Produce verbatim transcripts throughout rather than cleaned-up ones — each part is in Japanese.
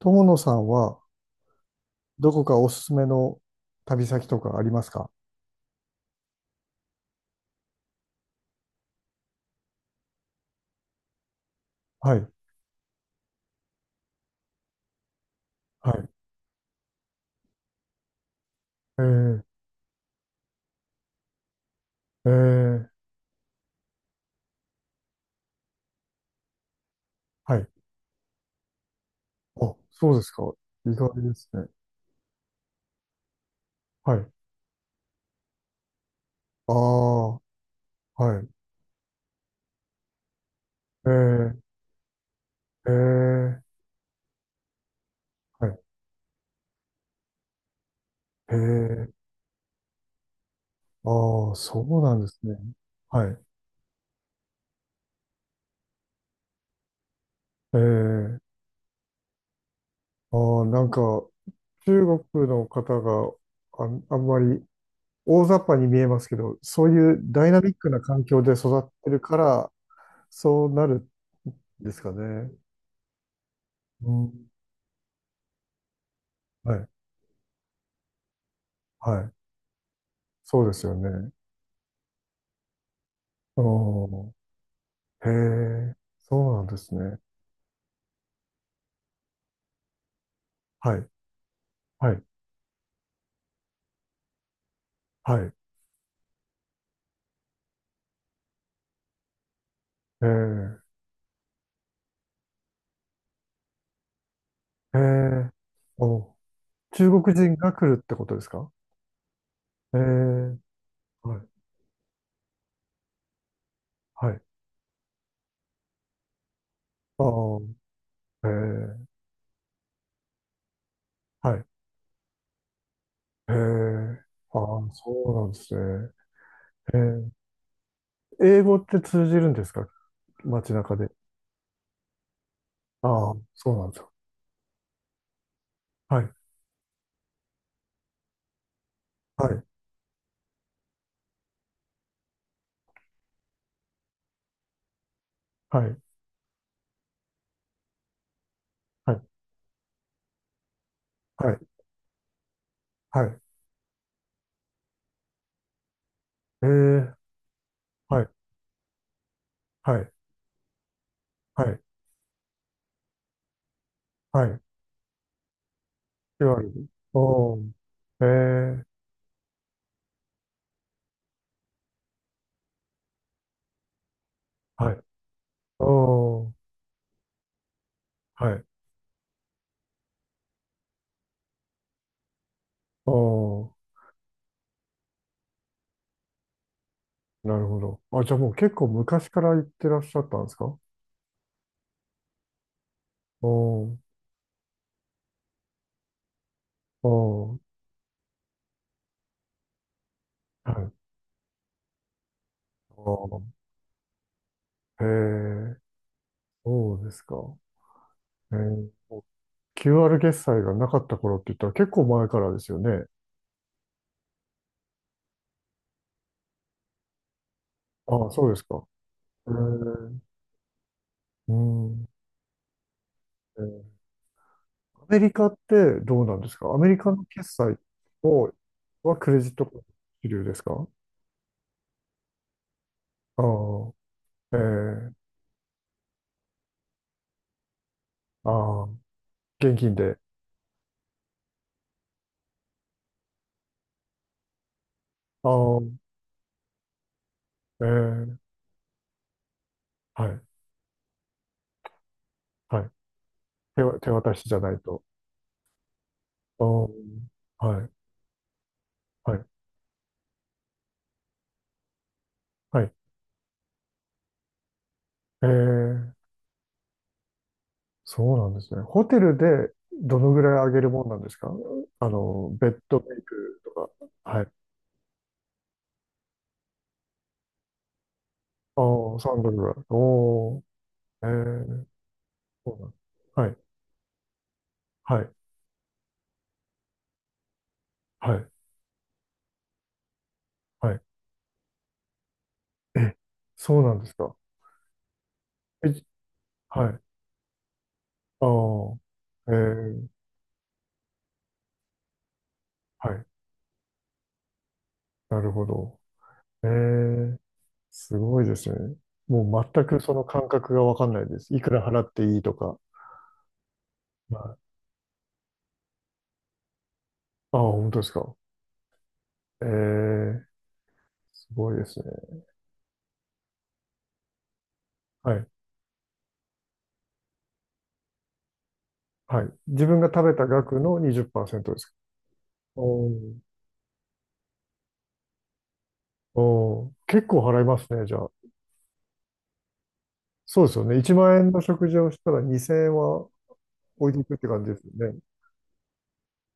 友野さんは、どこかおすすめの旅先とかありますか？はい、はい。えー、えー、はい。あ、そうですか。意外ですね。はい。ああ、はい。えー、えー、はい。えー、ああ、そうなんですね。はい。えー、ああ、なんか、中国の方があん、あんまり大雑把に見えますけど、そういうダイナミックな環境で育ってるから、そうなるんですかね。うん、はい、はい。そうですよね。おー、へえ、そうなんですね。はい、はい、はい。へえ、へえ、お、中国人が来るってことですか？へえ、はい、はい。ああ、へえ、はい、へえ、ああ、そうなんですね。へえ、英語って通じるんですか、街中で。ああ、そうなんですよ。はい、はい、はい、はい、はい、はい。へえ、はい、はい、はい、はい。きゅう割。おー。えー。はい。おー。はい。おー。なるほど。あ、じゃあもう結構昔から行ってらっしゃったんですか？おー。おー。はい。おー。へー。そうですか。えー。キューアール 決済がなかった頃って言ったら結構前からですよね。ああ、そうですか。えー。うん。えー、アメリカってどうなんですか、アメリカの決済を、はクレジットカード主流ですか？ああ。ええ、ああ、現金で。ああ、ええ、はい、はい。手わ、手渡しじゃないと。ああ、はい、はい、はい。ええ、そうなんですね。ホテルでどのぐらい上げるもんなんですか？あの、ベッドメイクとか。はい。ああ、さんドルぐらい。おー、ええ、そうなん、はい、はい、はい、はい。え、そうなんですか。え、はい。ああ、ええ、はい。なるほど。ええ、すごいですね。もう全くその感覚がわかんないです。いくら払っていいとか。はい、ああ、本当ですか。ええ、すごいですね。はい。はい。自分が食べた額のにじゅっパーセントですか？おー、おー、結構払いますね、じゃあ。そうですよね。いちまん円の食事をしたらにせんえんは置いていくって感じですよね。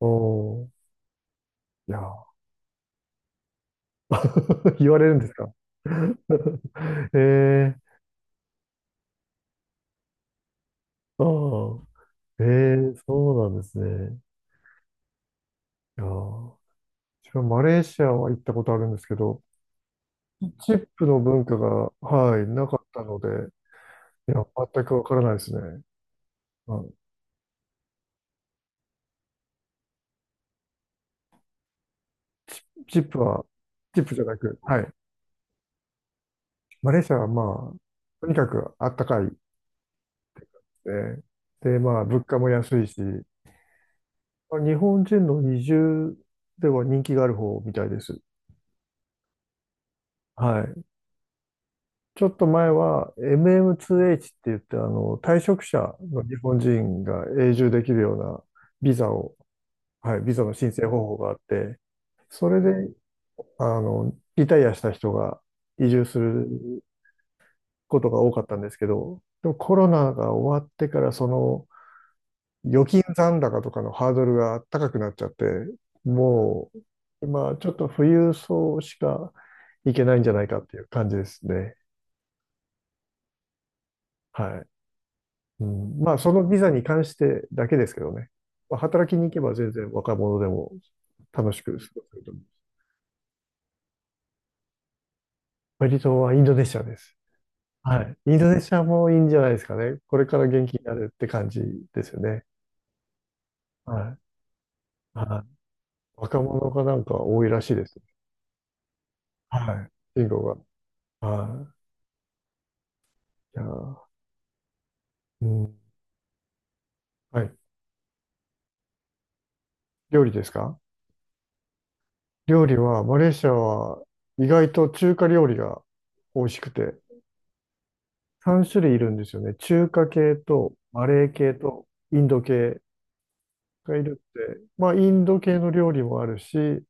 おー、いやー、言われるんですか？ええ、ああ、ええ、そうなんですね。いやー、自分、マレーシアは行ったことあるんですけど、チップの文化が、はい、なかったので、いや、全くわからないですね。まあチップは、チップじゃなく、はい。マレーシアはまあ、とにかくあったかいですね。で、まあ、物価も安いし、まあ日本人の移住では人気がある方みたいです。はい。ちょっと前は エムエムツーエイチ って言って、あの、退職者の日本人が永住できるようなビザを、はい、ビザの申請方法があって、それで、あの、リタイアした人が移住することが多かったんですけど、でもコロナが終わってから、その預金残高とかのハードルが高くなっちゃって、もう今ちょっと富裕層しか行けないんじゃないかっていう感じですね。はい。うん、まあ、そのビザに関してだけですけどね。まあ、働きに行けば全然若者でも楽しく過ごせると思います。バリ島はインドネシアです。はい。インドネシアもいいんじゃないですかね。これから元気になるって感じですよね。はい。はい。若者がなんか多いらしいです。はい。人口が。はい。いやー、うん。はい。料理ですか？料理は、マレーシアは意外と中華料理が美味しくて、さん種類いるんですよね。中華系とマレー系とインド系がいるって、まあ、インド系の料理もあるし、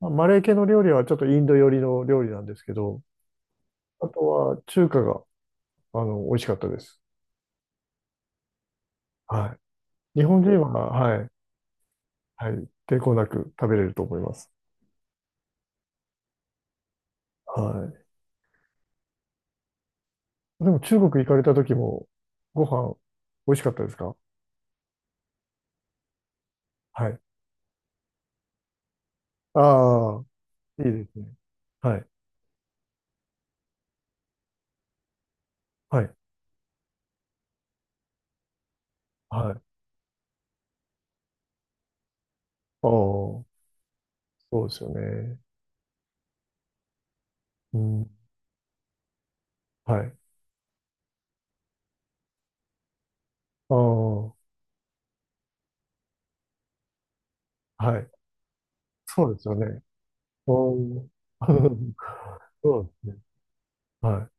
まあマレー系の料理はちょっとインド寄りの料理なんですけど、あとは中華が、あの、美味しかったです。はい。日本人は、はい、はい、抵抗なく食べれると思います。はい。でも中国行かれた時も、ご飯、美味しかったですか？はい。ああ、いいですね。はい。はい。はい。ああ、そうですよね。うん。はい。ああ、はい。そうですよね。うん。そうですね。は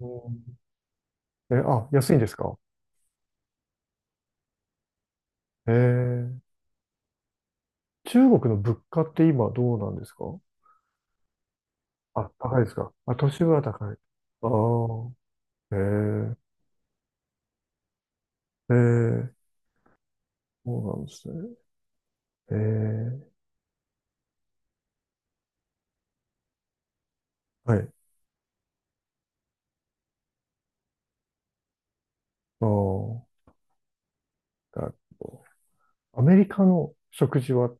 い。うん、え、あ、安いんですか？えー、中国の物価って今どうなんですか？あ、高いですか。あ、都市部は高い。ああ、へえ、へえ、そうなんですね。へえ、はい。ああ、なるほど、アメリカの食事は、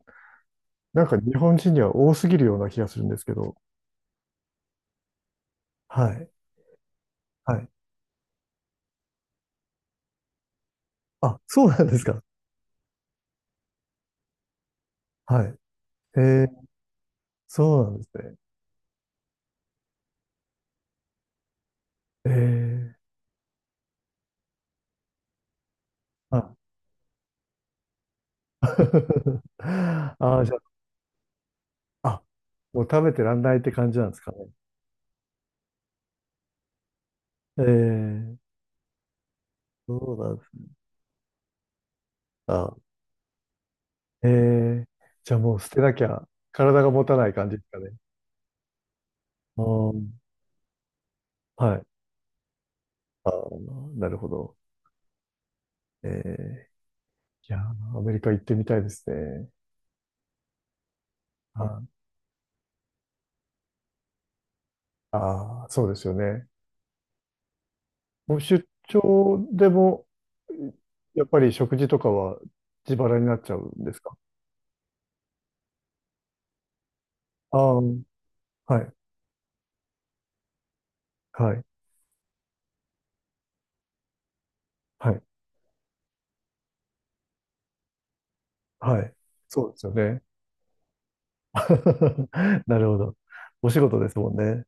なんか日本人には多すぎるような気がするんですけど。はい、はい。あ、そうなんですか。はい。へえ、そうなんですね。へえ、あ、ああ、じゃあ、あ、もう食べてらんないって感じなんですかね。ええ、そうなんです。あ、えー、じゃあもう捨てなきゃ体が持たない感じですかね。あー、はい。あー、なるほど。えー、いやー、アメリカ行ってみたいですね。ああー、そうですよね。もう出張でも、やっぱり食事とかは自腹になっちゃうんですか？ああー、はい、はい、はい、はい。そうですよね。なるほど。お仕事ですもんね。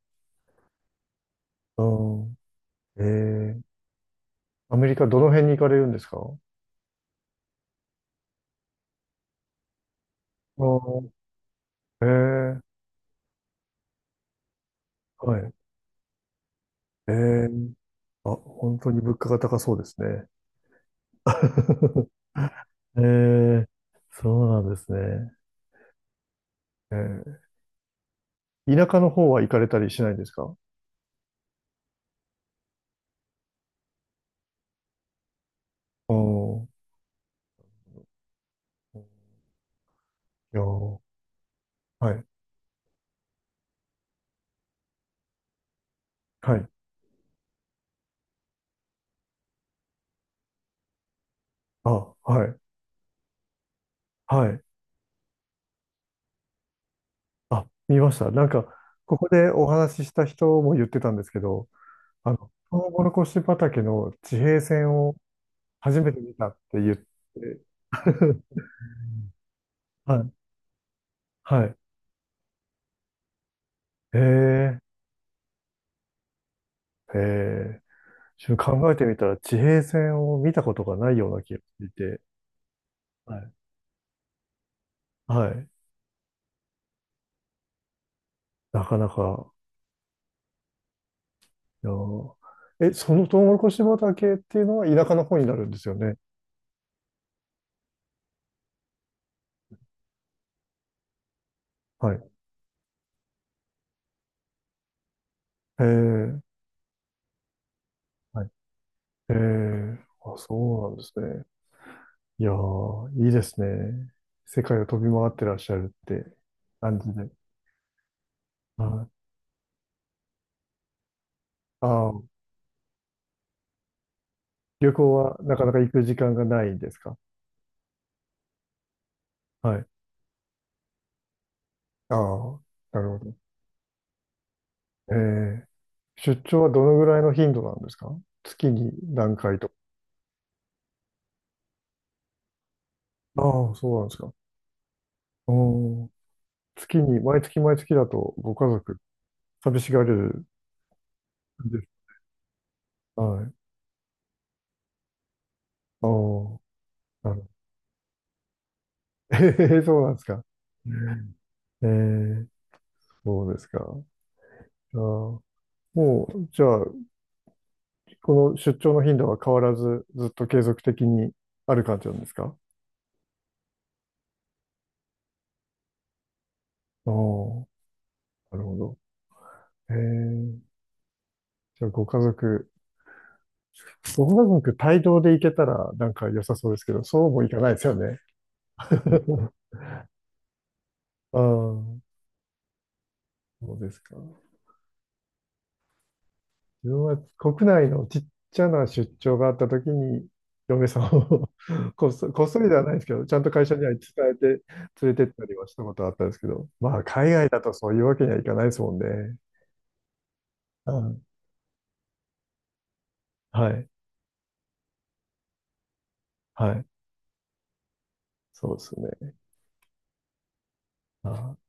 うん。えー、アメリカどの辺に行かれるんですか？ああー、ええ、はい。ええ、あ、本当に物価が高そうですね。ええ、そうなんですね。ええ、田舎の方は行かれたりしないんですか？おー、いやー、はい、はい、あ、はい、はい、あ、見ました。なんか、ここでお話しした人も言ってたんですけど、あの、トウモロコシ畑の地平線を初めて見たって言って、はい、はい、ええ、ええ、ちょっと考えてみたら地平線を見たことがないような気がしていて、はい。はい。なかなか、いやー、え、そのトウモロコシ畑っていうのは田舎の方になるんですよね。はい。えー、はい。えー、あ、そうなんですね。いやー、いいですね。世界を飛び回ってらっしゃるって感じで。はい。ああ、旅行はなかなか行く時間がないんですか？はい。ああ、なるほど。ええ、出張はどのぐらいの頻度なんですか？月に何回とか。ああ、そうなんですか。うん。月に、毎月毎月だとご家族、寂しがれるんです。はい。ああ、なるほど。ええ、そうなんですか。ええ、そうですか。ああ、もう、じゃあ、この出張の頻度は変わらず、ずっと継続的にある感じなんですか？ああ、なるほど。ええ、じゃあ、ご家族、うまく帯同で行けたらなんか良さそうですけど、そうもいかないですよね。ああ、そうですか。自分は国内のちっちゃな出張があったときに、嫁さんを こっそ、こっそりではないですけど、ちゃんと会社には伝えて連れてったりはしたことあったんですけど、まあ、海外だとそういうわけにはいかないですもんね。うん、はい、はい、そうですね。ああ